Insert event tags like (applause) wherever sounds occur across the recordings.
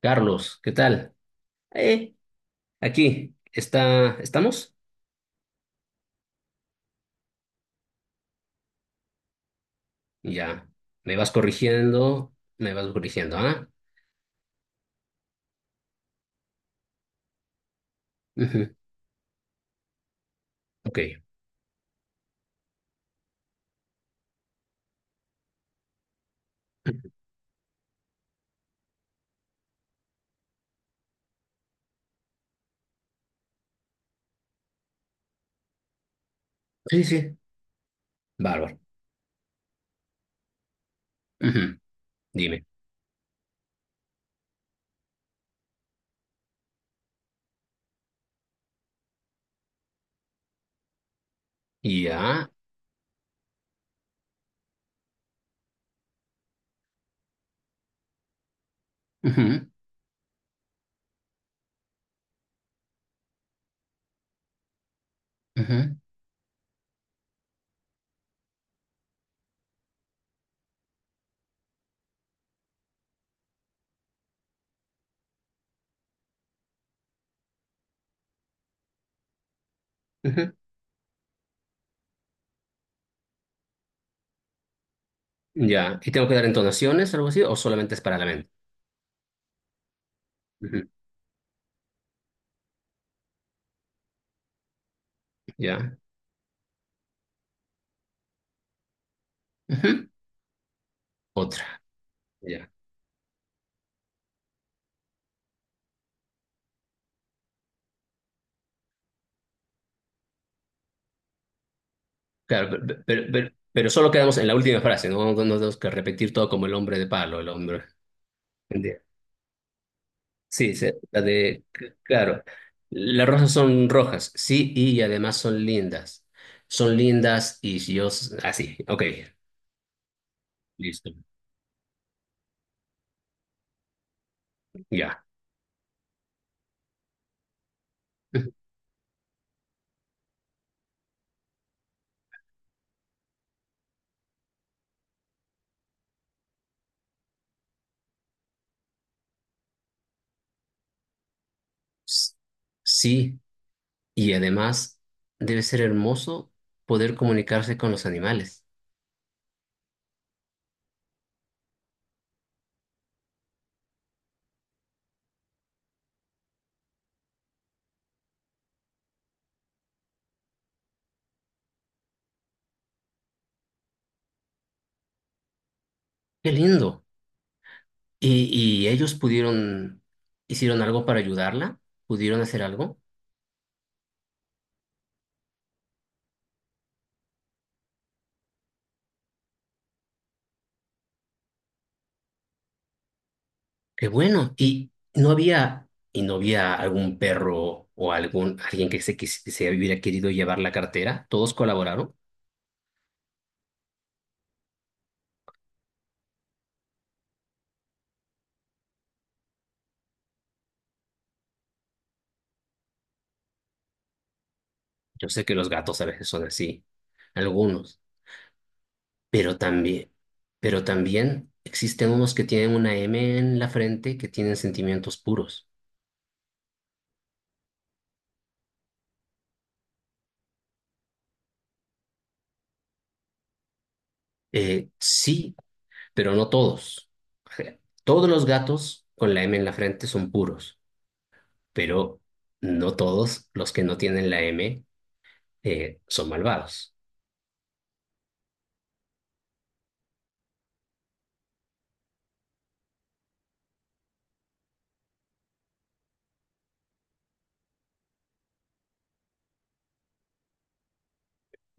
Carlos, ¿qué tal? Eh, Aquí, está, ¿estamos? Ya, me vas corrigiendo, me vas corrigiendo, ¿ah? Ujú. Ok. Sí, sí, bárbaro. Ujú. Dime. Ya. Ujú. Ujú. Ujú. Ya. ¿Y tengo que dar entonaciones, algo así, o solamente es para la mente? Ujú. Ya. Ujú. Otra. Ya. Claro, pero solo quedamos en la última frase, no, no tenemos que repetir todo como el hombre de palo, el hombre. Sí, la de, claro, las rosas son rojas, sí, y además son lindas. Son lindas y si yo, así, ok, listo, ya. S- Sí, y además debe ser hermoso poder comunicarse con los animales. Qué lindo. ¿Y, y ellos pudieron, hicieron algo para ayudarla? ¿Pudieron hacer algo? Qué bueno. Y no había algún perro o algún alguien que se, que se hubiera querido llevar la cartera. Todos colaboraron. Yo sé que los gatos a veces son así, algunos, pero también, pero también existen unos que tienen una M en la frente que tienen sentimientos puros. Sí, pero no todos. O sea, todos los gatos con la M en la frente son puros, pero no todos los que no tienen la M son malvados.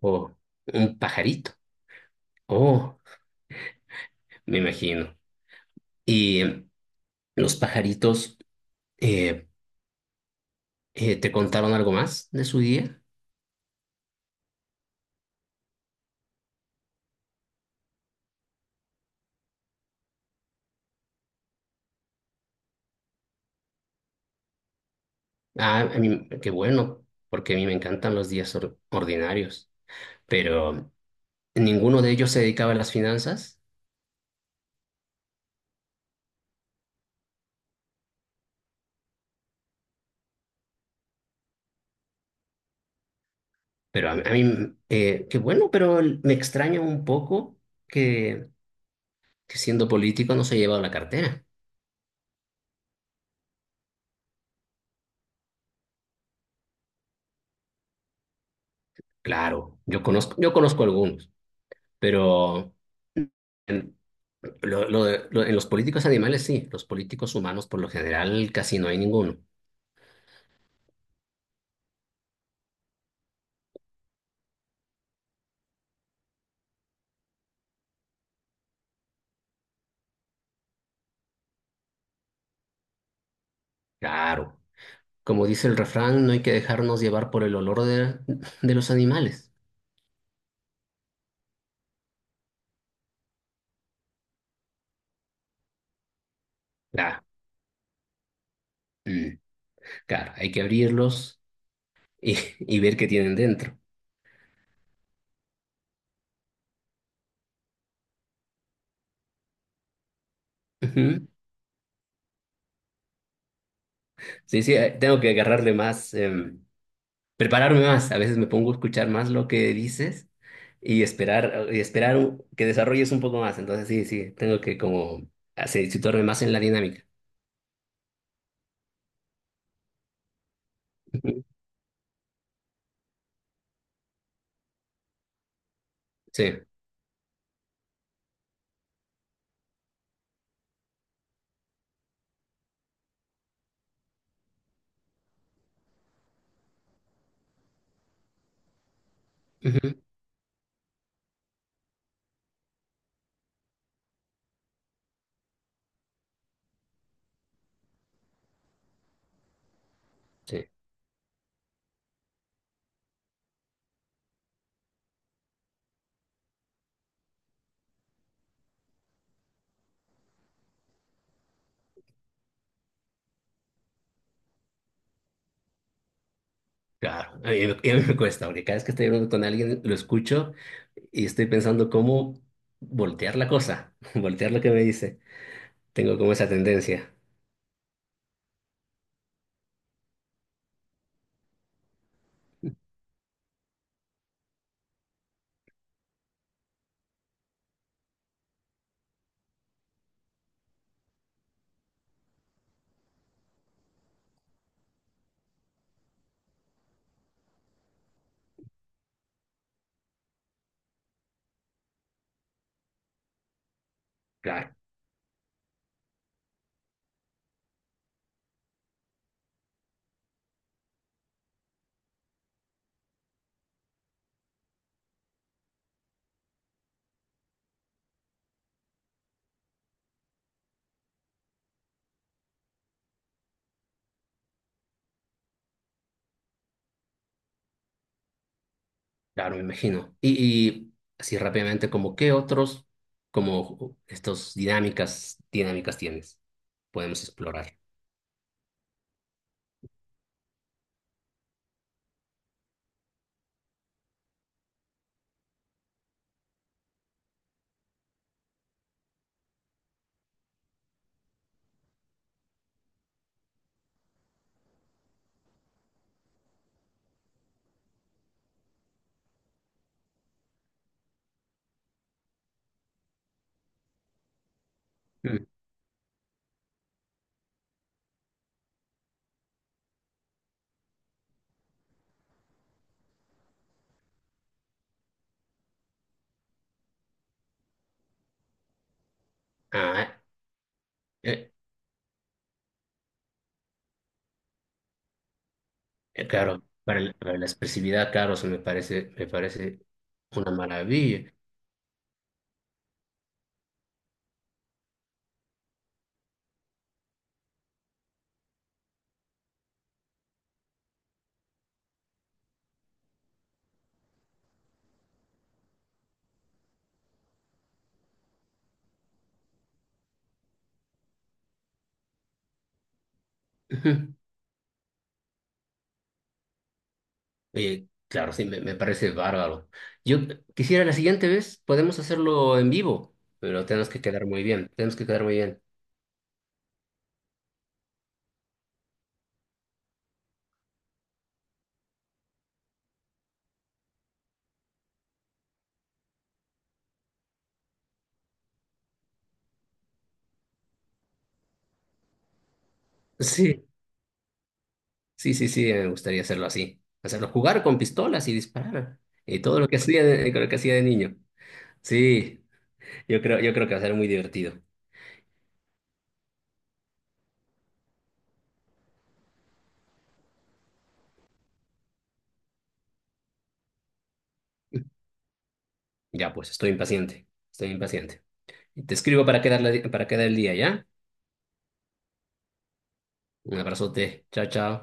Oh, un pajarito. Oh, me imagino. ¿Y los pajaritos, eh, te contaron algo más de su día? Ah, a mí, qué bueno, porque a mí me encantan los días ordinarios. Pero ninguno de ellos se dedicaba a las finanzas. Pero a mí, qué bueno, pero me extraña un poco que, que siendo político no se haya llevado la cartera. Claro, yo conozco algunos, pero en los políticos animales sí, los políticos humanos por lo general casi no hay ninguno. Claro. Como dice el refrán, no hay que dejarnos llevar por el olor de los animales. Claro. Mm, claro, hay que abrirlos y ver qué tienen dentro. Ujú. Sí, sí, tengo que agarrarle más, prepararme más. A veces me pongo a escuchar más lo que dices y esperar que desarrolles un poco más. Entonces sí, sí, tengo que como así, situarme más en la dinámica. Ujú. Sí. Ujú. Sí, claro. A mí me cuesta, porque cada vez que estoy hablando con alguien, lo escucho y estoy pensando cómo voltear la cosa, (laughs) voltear lo que me dice. Tengo como esa tendencia. Claro, claro, me imagino. Y así rápidamente, como qué otros, como estos dinámicas, dinámicas tienes, podemos explorar. Mm. Ah, eh, claro, para, para la expresividad, claro, eso me parece una maravilla. (laughs) Oye, claro, sí, me parece bárbaro. Yo quisiera la siguiente vez, podemos hacerlo en vivo, pero tenemos que quedar muy bien, tenemos que quedar muy bien. Sí, sí, sí, sí, me gustaría hacerlo así. Hacerlo jugar con pistolas y disparar. Y todo lo que hacía de, lo que hacía de niño. Sí, yo creo que va a ser muy divertido. Ya, pues, estoy impaciente, estoy impaciente. Te escribo para quedar, para quedar el día, ¿ya? Un abrazote, chao, chao.